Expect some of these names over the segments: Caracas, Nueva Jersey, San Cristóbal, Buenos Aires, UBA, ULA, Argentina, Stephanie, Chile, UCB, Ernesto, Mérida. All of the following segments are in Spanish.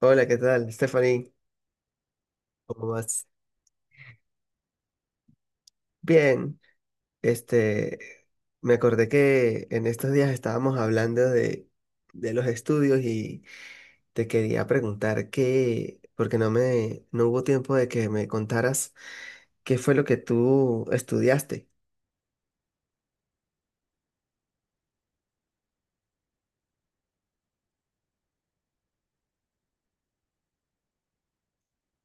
Hola, ¿qué tal, Stephanie? ¿Cómo vas? Bien, este, me acordé que en estos días estábamos hablando de los estudios y te quería preguntar qué, porque no hubo tiempo de que me contaras qué fue lo que tú estudiaste.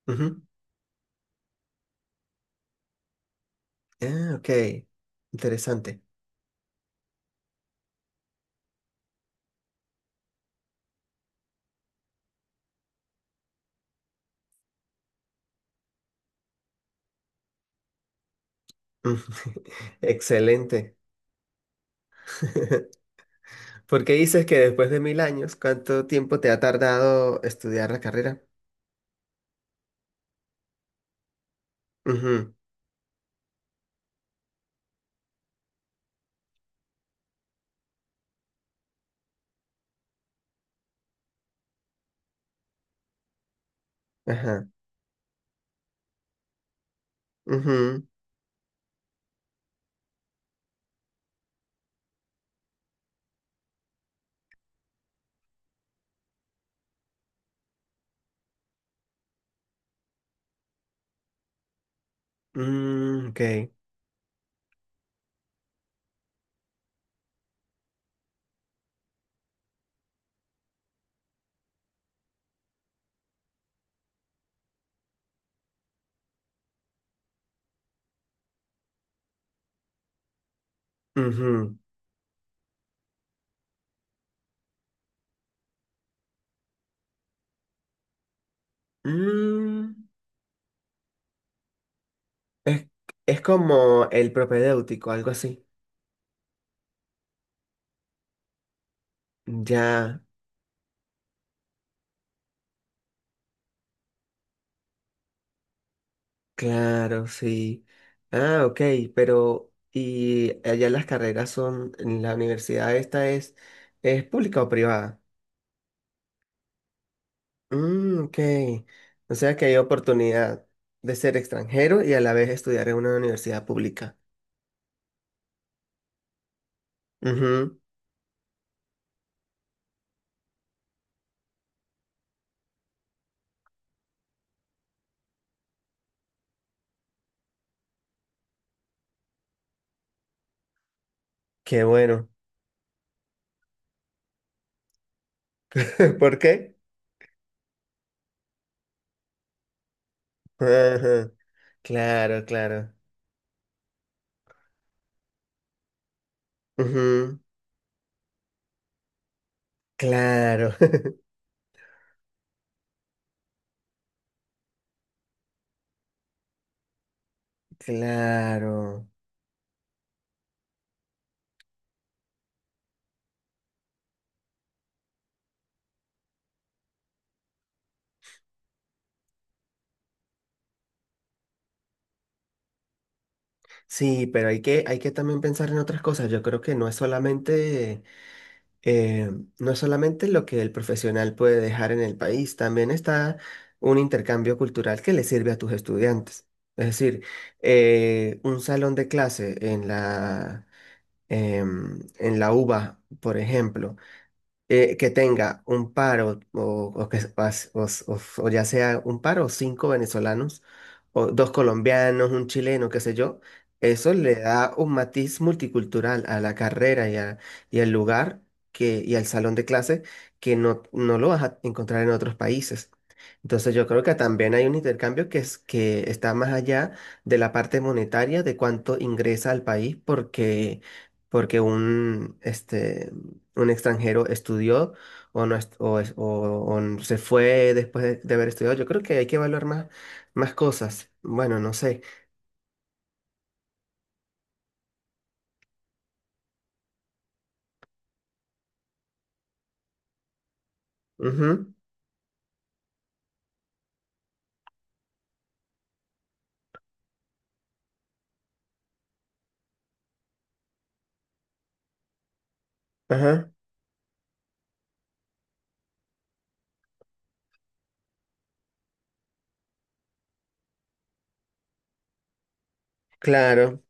Ujú. Ah, ok, interesante. Ujú. Excelente. ¿Por qué dices que después de mil años, cuánto tiempo te ha tardado estudiar la carrera? Ujú. Ajá. Ujú. Mm, ok. Ujú. Mm, es, es como el propedéutico, algo así. Ya, claro, sí. Ah, ok, pero ¿y allá las carreras son, en la universidad es pública o privada? Mm, ok. O sea que hay oportunidad de ser extranjero y a la vez estudiar en una universidad pública. Ujú. Qué bueno. ¿Por qué? Ajá, claro, claro. Claro, claro. Sí, pero hay que también pensar en otras cosas. Yo creo que eh, no es solamente lo que el profesional puede dejar en el país, también está un intercambio cultural que le sirve a tus estudiantes. Es decir, un salón de clase en en la UBA, por ejemplo. Que tenga un par o que, pas- o, s- o s- o ya sea un par o cinco venezolanos, o dos colombianos, un chileno, qué sé yo, eso le da un matiz multicultural a la carrera, y al lugar y al salón de clase que no lo vas a encontrar en otros países. Entonces yo creo que también hay un intercambio que está más allá de la parte monetaria de cuánto ingresa al país porque un extranjero estudió o no est- o, es- o se fue después de haber estudiado. Yo creo que hay que evaluar más cosas. Bueno, no sé. Ujú, ajá, claro.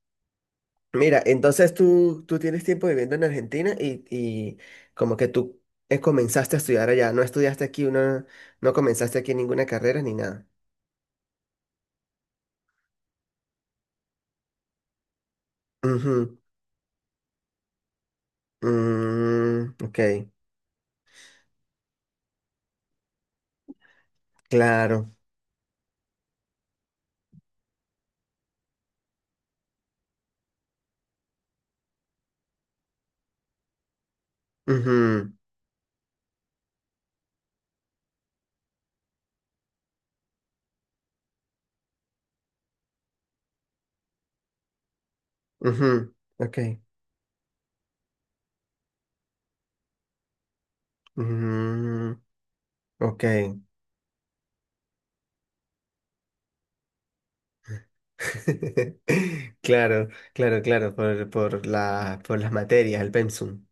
Mira, entonces tú tienes tiempo viviendo en Argentina y como que tú comenzaste a estudiar allá, no estudiaste no comenzaste aquí ninguna carrera ni nada. Ujú, mm, ok, claro. Ujú, ujú, ok. Ujú, ok. Claro, claro, claro, por por las materias, el pensum.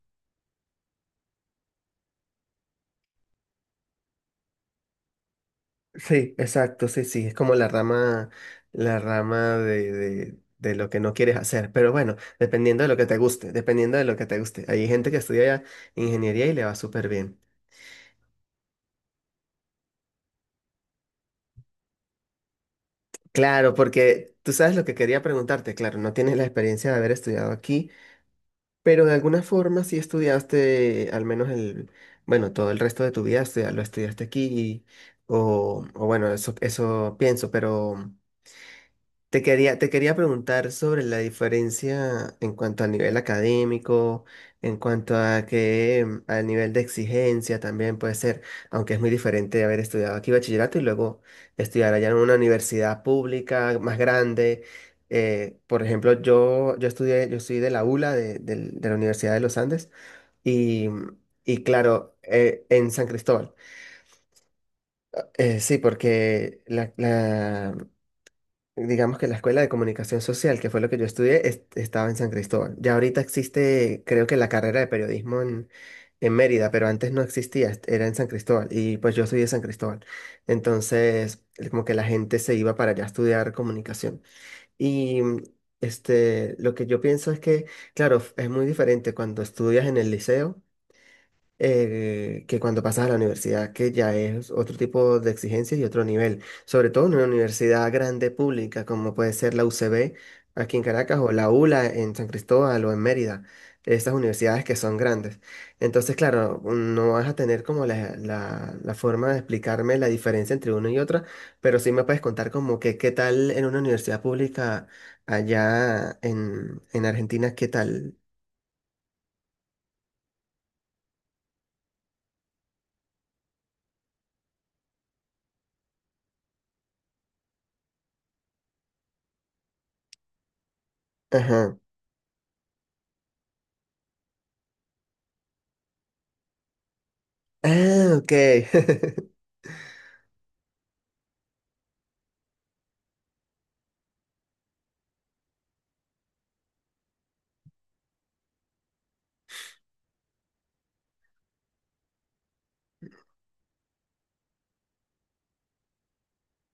Sí, exacto, sí, sí, es como la la rama de lo que no quieres hacer, pero bueno, dependiendo de lo que te guste, dependiendo de lo que te guste. Hay gente que estudia ingeniería y le va súper bien. Claro, porque tú sabes lo que quería preguntarte, claro, no tienes la experiencia de haber estudiado aquí. Pero de alguna forma sí estudiaste, al menos bueno, todo el resto de tu vida, o sea, lo estudiaste aquí, o bueno, eso pienso, pero te quería preguntar sobre la diferencia en cuanto a nivel académico, en cuanto a que mm, al nivel de exigencia también puede ser, aunque es muy diferente haber estudiado aquí bachillerato y luego estudiar allá en una universidad pública más grande. Por ejemplo, yo estudié, yo soy de la ULA, de la Universidad de los Andes, y, mm, y claro, en San Cristóbal. Sí, porque digamos que la escuela de comunicación social, que fue lo que yo estudié, estaba en San Cristóbal. Ya ahorita existe, creo que la carrera de periodismo en Mérida, pero antes no existía, era en San Cristóbal. Y pues yo soy de San Cristóbal. Entonces, como que la gente se iba para allá a estudiar comunicación. Y mm, este, lo que yo pienso es claro, es muy diferente cuando estudias en el liceo que cuando pasas a la universidad, que ya es otro tipo de exigencias y otro nivel, sobre todo en una universidad grande pública como puede ser la UCB aquí en Caracas o la ULA en San Cristóbal o en Mérida, estas universidades que son grandes. Entonces, claro, no vas a tener como la forma de explicarme la diferencia entre una y otra, pero sí me puedes contar como que qué tal en una universidad pública allá en Argentina, qué tal. Ajá. Ah, ok.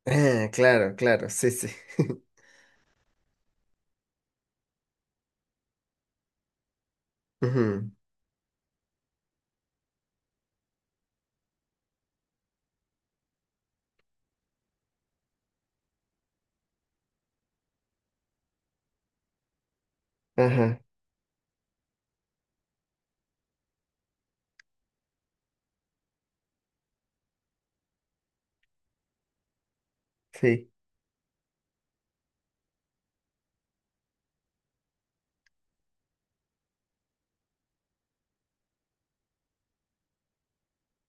Ah, claro, claro, sí, sí. Ujú, ajá, sí.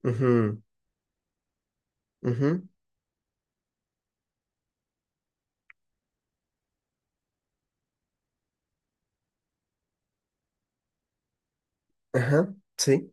Ujú, ujú, ajá, sí.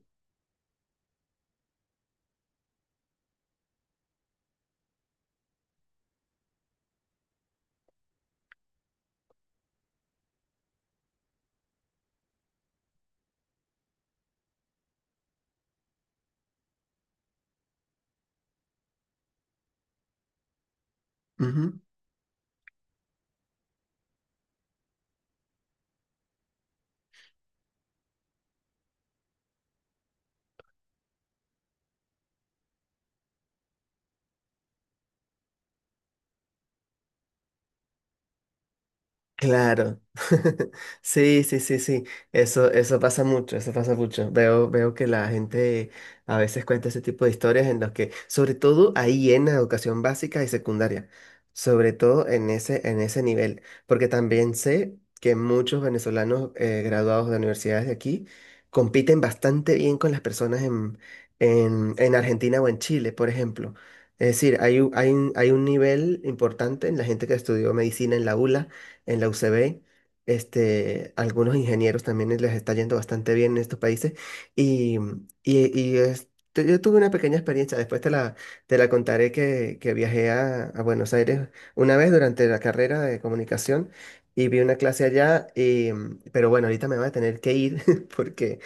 Claro. Sí, sí, sí, sí. Eso pasa mucho, eso pasa mucho. Veo, veo que la gente a veces cuenta ese tipo de historias en las que, sobre todo ahí en la educación básica y secundaria, sobre todo en en ese nivel, porque también sé que muchos venezolanos graduados de universidades de aquí compiten bastante bien con las personas en Argentina o en Chile, por ejemplo. Es decir, hay un nivel importante en la gente que estudió medicina en la ULA en la UCB. Este, algunos ingenieros también les está yendo bastante bien en estos países. Y, y este, yo tuve una pequeña experiencia, después te la contaré que viajé a Buenos Aires una vez durante la carrera de comunicación y vi una clase allá. Y, mm, pero bueno, ahorita me voy a tener que ir porque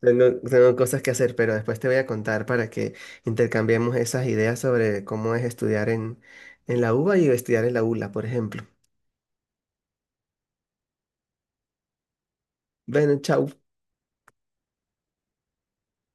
tengo cosas que hacer, pero después te voy a contar para que intercambiemos esas ideas sobre cómo es estudiar en la UBA y estudiar en la ULA, por ejemplo. Bueno, chau.